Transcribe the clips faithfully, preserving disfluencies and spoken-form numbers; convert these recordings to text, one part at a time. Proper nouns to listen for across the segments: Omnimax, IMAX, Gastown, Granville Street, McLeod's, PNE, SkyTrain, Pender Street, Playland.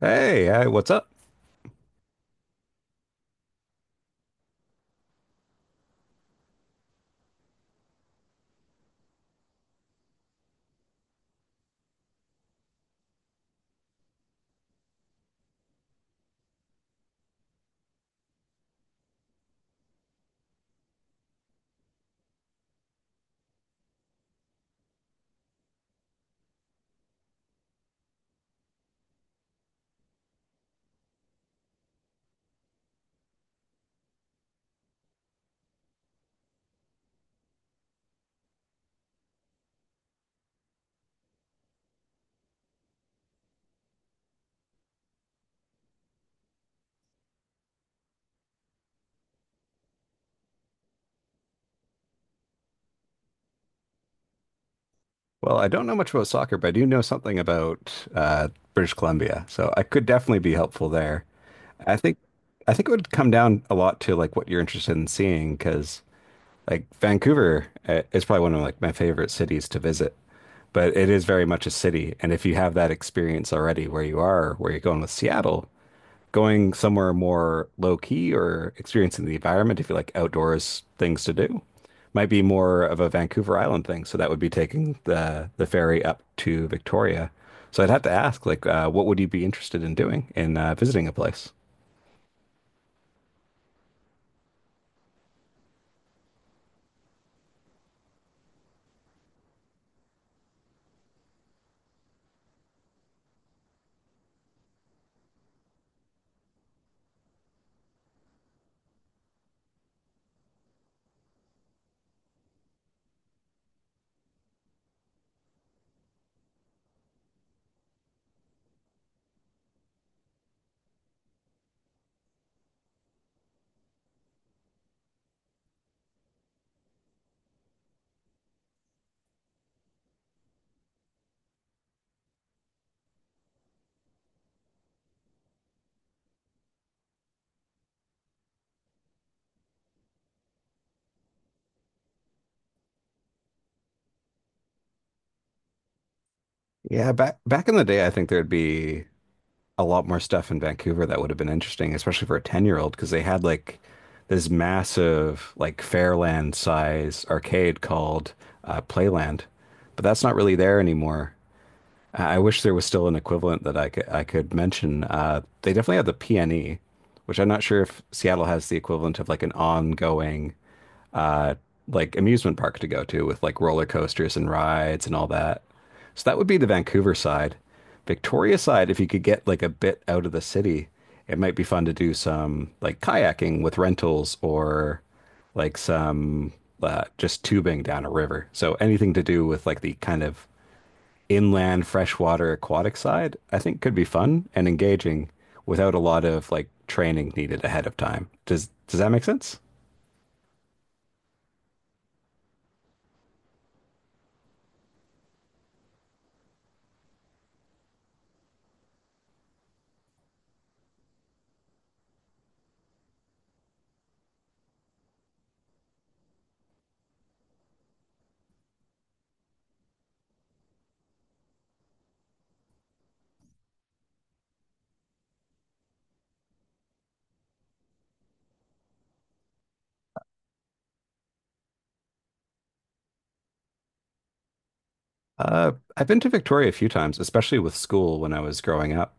Hey, hey, what's up? Well, I don't know much about soccer, but I do know something about uh, British Columbia, so I could definitely be helpful there. I think I think it would come down a lot to like what you're interested in seeing, because like Vancouver uh, is probably one of like my favorite cities to visit, but it is very much a city, and if you have that experience already where you are, where you're going with Seattle, going somewhere more low key or experiencing the environment if you like outdoors things to do. Might be more of a Vancouver Island thing, so that would be taking the the ferry up to Victoria. So I'd have to ask, like, uh, what would you be interested in doing in uh, visiting a place? Yeah, back back in the day, I think there'd be a lot more stuff in Vancouver that would have been interesting, especially for a ten-year-old, because they had like this massive, like Fairland size arcade called uh, Playland, but that's not really there anymore. I wish there was still an equivalent that I could I could mention. Uh, they definitely have the P N E, which I'm not sure if Seattle has the equivalent of like an ongoing uh, like amusement park to go to with like roller coasters and rides and all that. So that would be the Vancouver side. Victoria side, if you could get like a bit out of the city, it might be fun to do some like kayaking with rentals or like some uh, just tubing down a river. So anything to do with like the kind of inland freshwater aquatic side, I think could be fun and engaging without a lot of like training needed ahead of time. Does does that make sense? Uh, I've been to Victoria a few times, especially with school when I was growing up.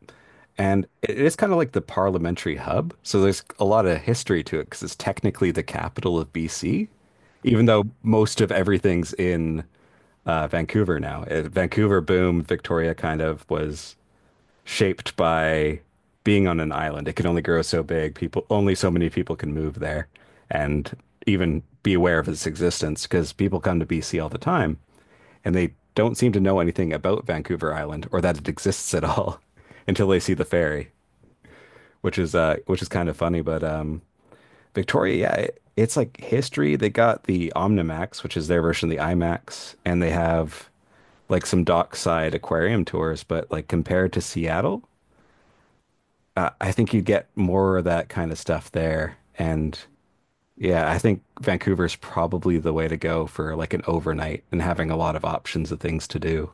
And it is kind of like the parliamentary hub. So there's a lot of history to it because it's technically the capital of B C, even though most of everything's in uh, Vancouver now. Uh, Vancouver boom, Victoria kind of was shaped by being on an island. It can only grow so big. People, only so many people can move there and even be aware of its existence because people come to B C all the time and they don't seem to know anything about Vancouver Island or that it exists at all until they see the ferry, which is uh which is kind of funny, but um Victoria, yeah, it, it's like history. They got the Omnimax, which is their version of the IMAX, and they have like some dockside aquarium tours, but like compared to Seattle, I think you get more of that kind of stuff there. And yeah, I think Vancouver's probably the way to go for like an overnight and having a lot of options of things to do.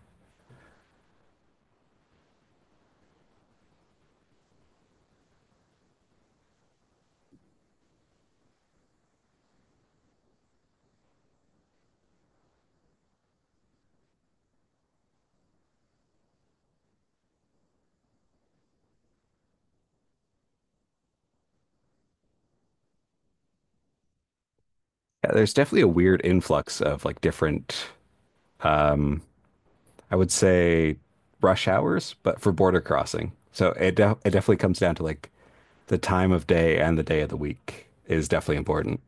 Yeah, there's definitely a weird influx of like different, I would say, rush hours, but for border crossing. So it de it definitely comes down to like the time of day and the day of the week is definitely important.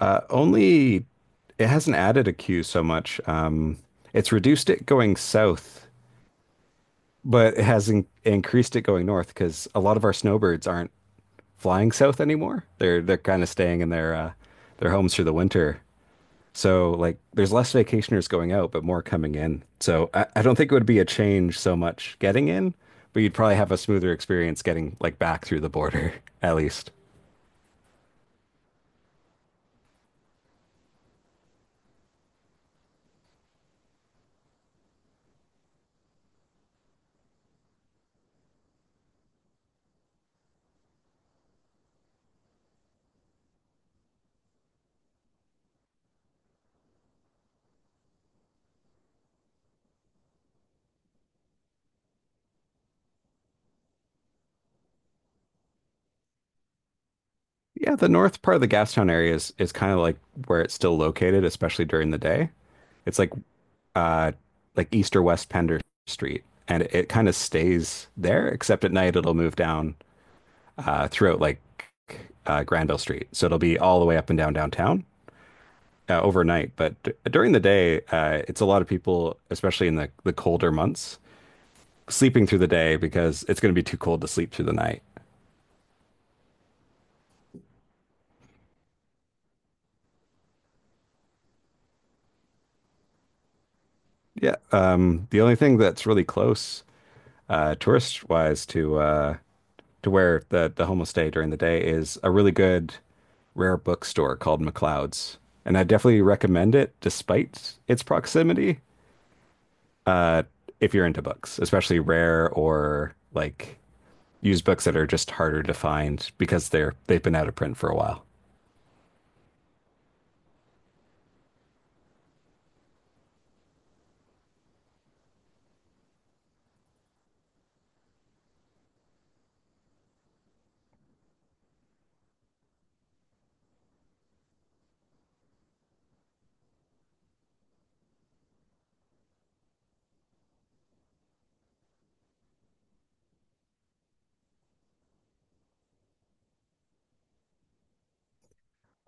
Uh, only it hasn't added a queue so much. Um, it's reduced it going south, but it has in increased it going north because a lot of our snowbirds aren't flying south anymore. They're they're kind of staying in their uh, their homes through the winter. So like there's less vacationers going out, but more coming in. So I, I don't think it would be a change so much getting in, but you'd probably have a smoother experience getting like back through the border at least. Yeah, the north part of the Gastown area is is kind of like where it's still located, especially during the day. It's like uh, like east or west Pender Street, and it, it kind of stays there, except at night it'll move down uh, throughout like uh, Granville Street. So it'll be all the way up and down downtown uh, overnight. But d- during the day, uh, it's a lot of people, especially in the, the colder months, sleeping through the day because it's going to be too cold to sleep through the night. Yeah. Um, the only thing that's really close, uh, tourist wise, to uh, to where the the homestay during the day is a really good rare bookstore called McLeod's, and I definitely recommend it despite its proximity if you're into books, especially rare or like used books that are just harder to find because they're they've been out of print for a while.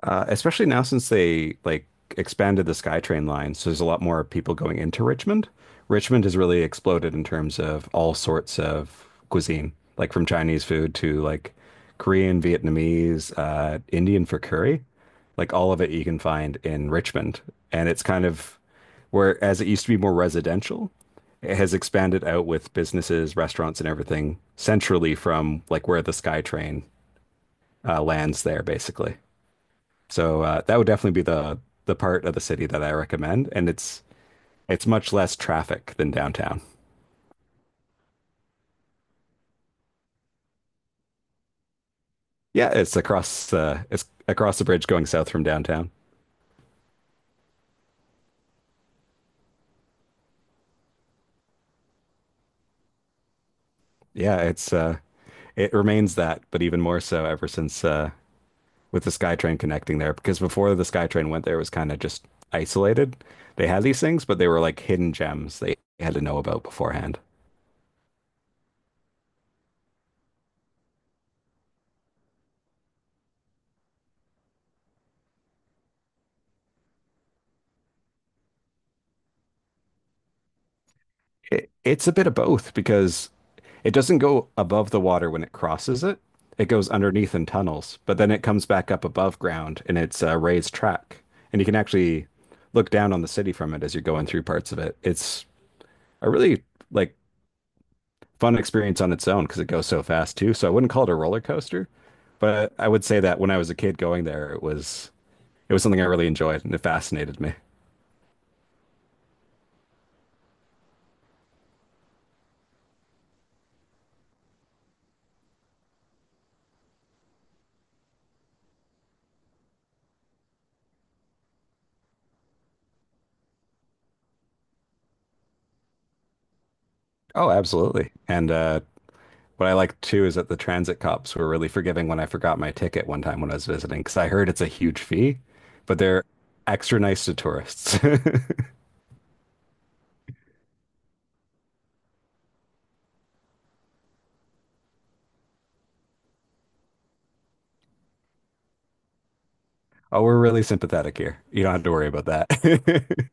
Uh, especially now since they like expanded the SkyTrain line, so there's a lot more people going into Richmond. Richmond has really exploded in terms of all sorts of cuisine, like from Chinese food to like Korean, Vietnamese, uh, Indian for curry. Like all of it you can find in Richmond. And it's kind of where, as it used to be more residential, it has expanded out with businesses, restaurants, and everything centrally from like where the SkyTrain uh, lands there, basically. So uh, that would definitely be the the part of the city that I recommend, and it's it's much less traffic than downtown. Yeah, it's across uh, it's across the bridge going south from downtown. Yeah, it's uh, it remains that, but even more so ever since uh, with the SkyTrain connecting there. Because before the SkyTrain went there, it was kind of just isolated. They had these things, but they were like hidden gems they had to know about beforehand. It, it's a bit of both because it doesn't go above the water when it crosses it. It goes underneath in tunnels, but then it comes back up above ground and it's a raised track. And you can actually look down on the city from it as you're going through parts of it. It's a really like fun experience on its own because it goes so fast too. So I wouldn't call it a roller coaster, but I would say that when I was a kid going there, it was it was something I really enjoyed and it fascinated me. Oh, absolutely. And uh What I like too is that the transit cops were really forgiving when I forgot my ticket one time when I was visiting, because I heard it's a huge fee, but they're extra nice to tourists. Oh, we're really sympathetic here. You don't have to worry about that.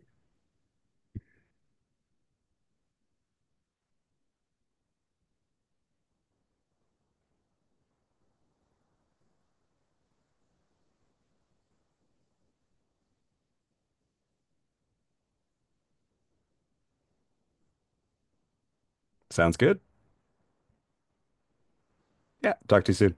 Sounds good. Yeah, talk to you soon.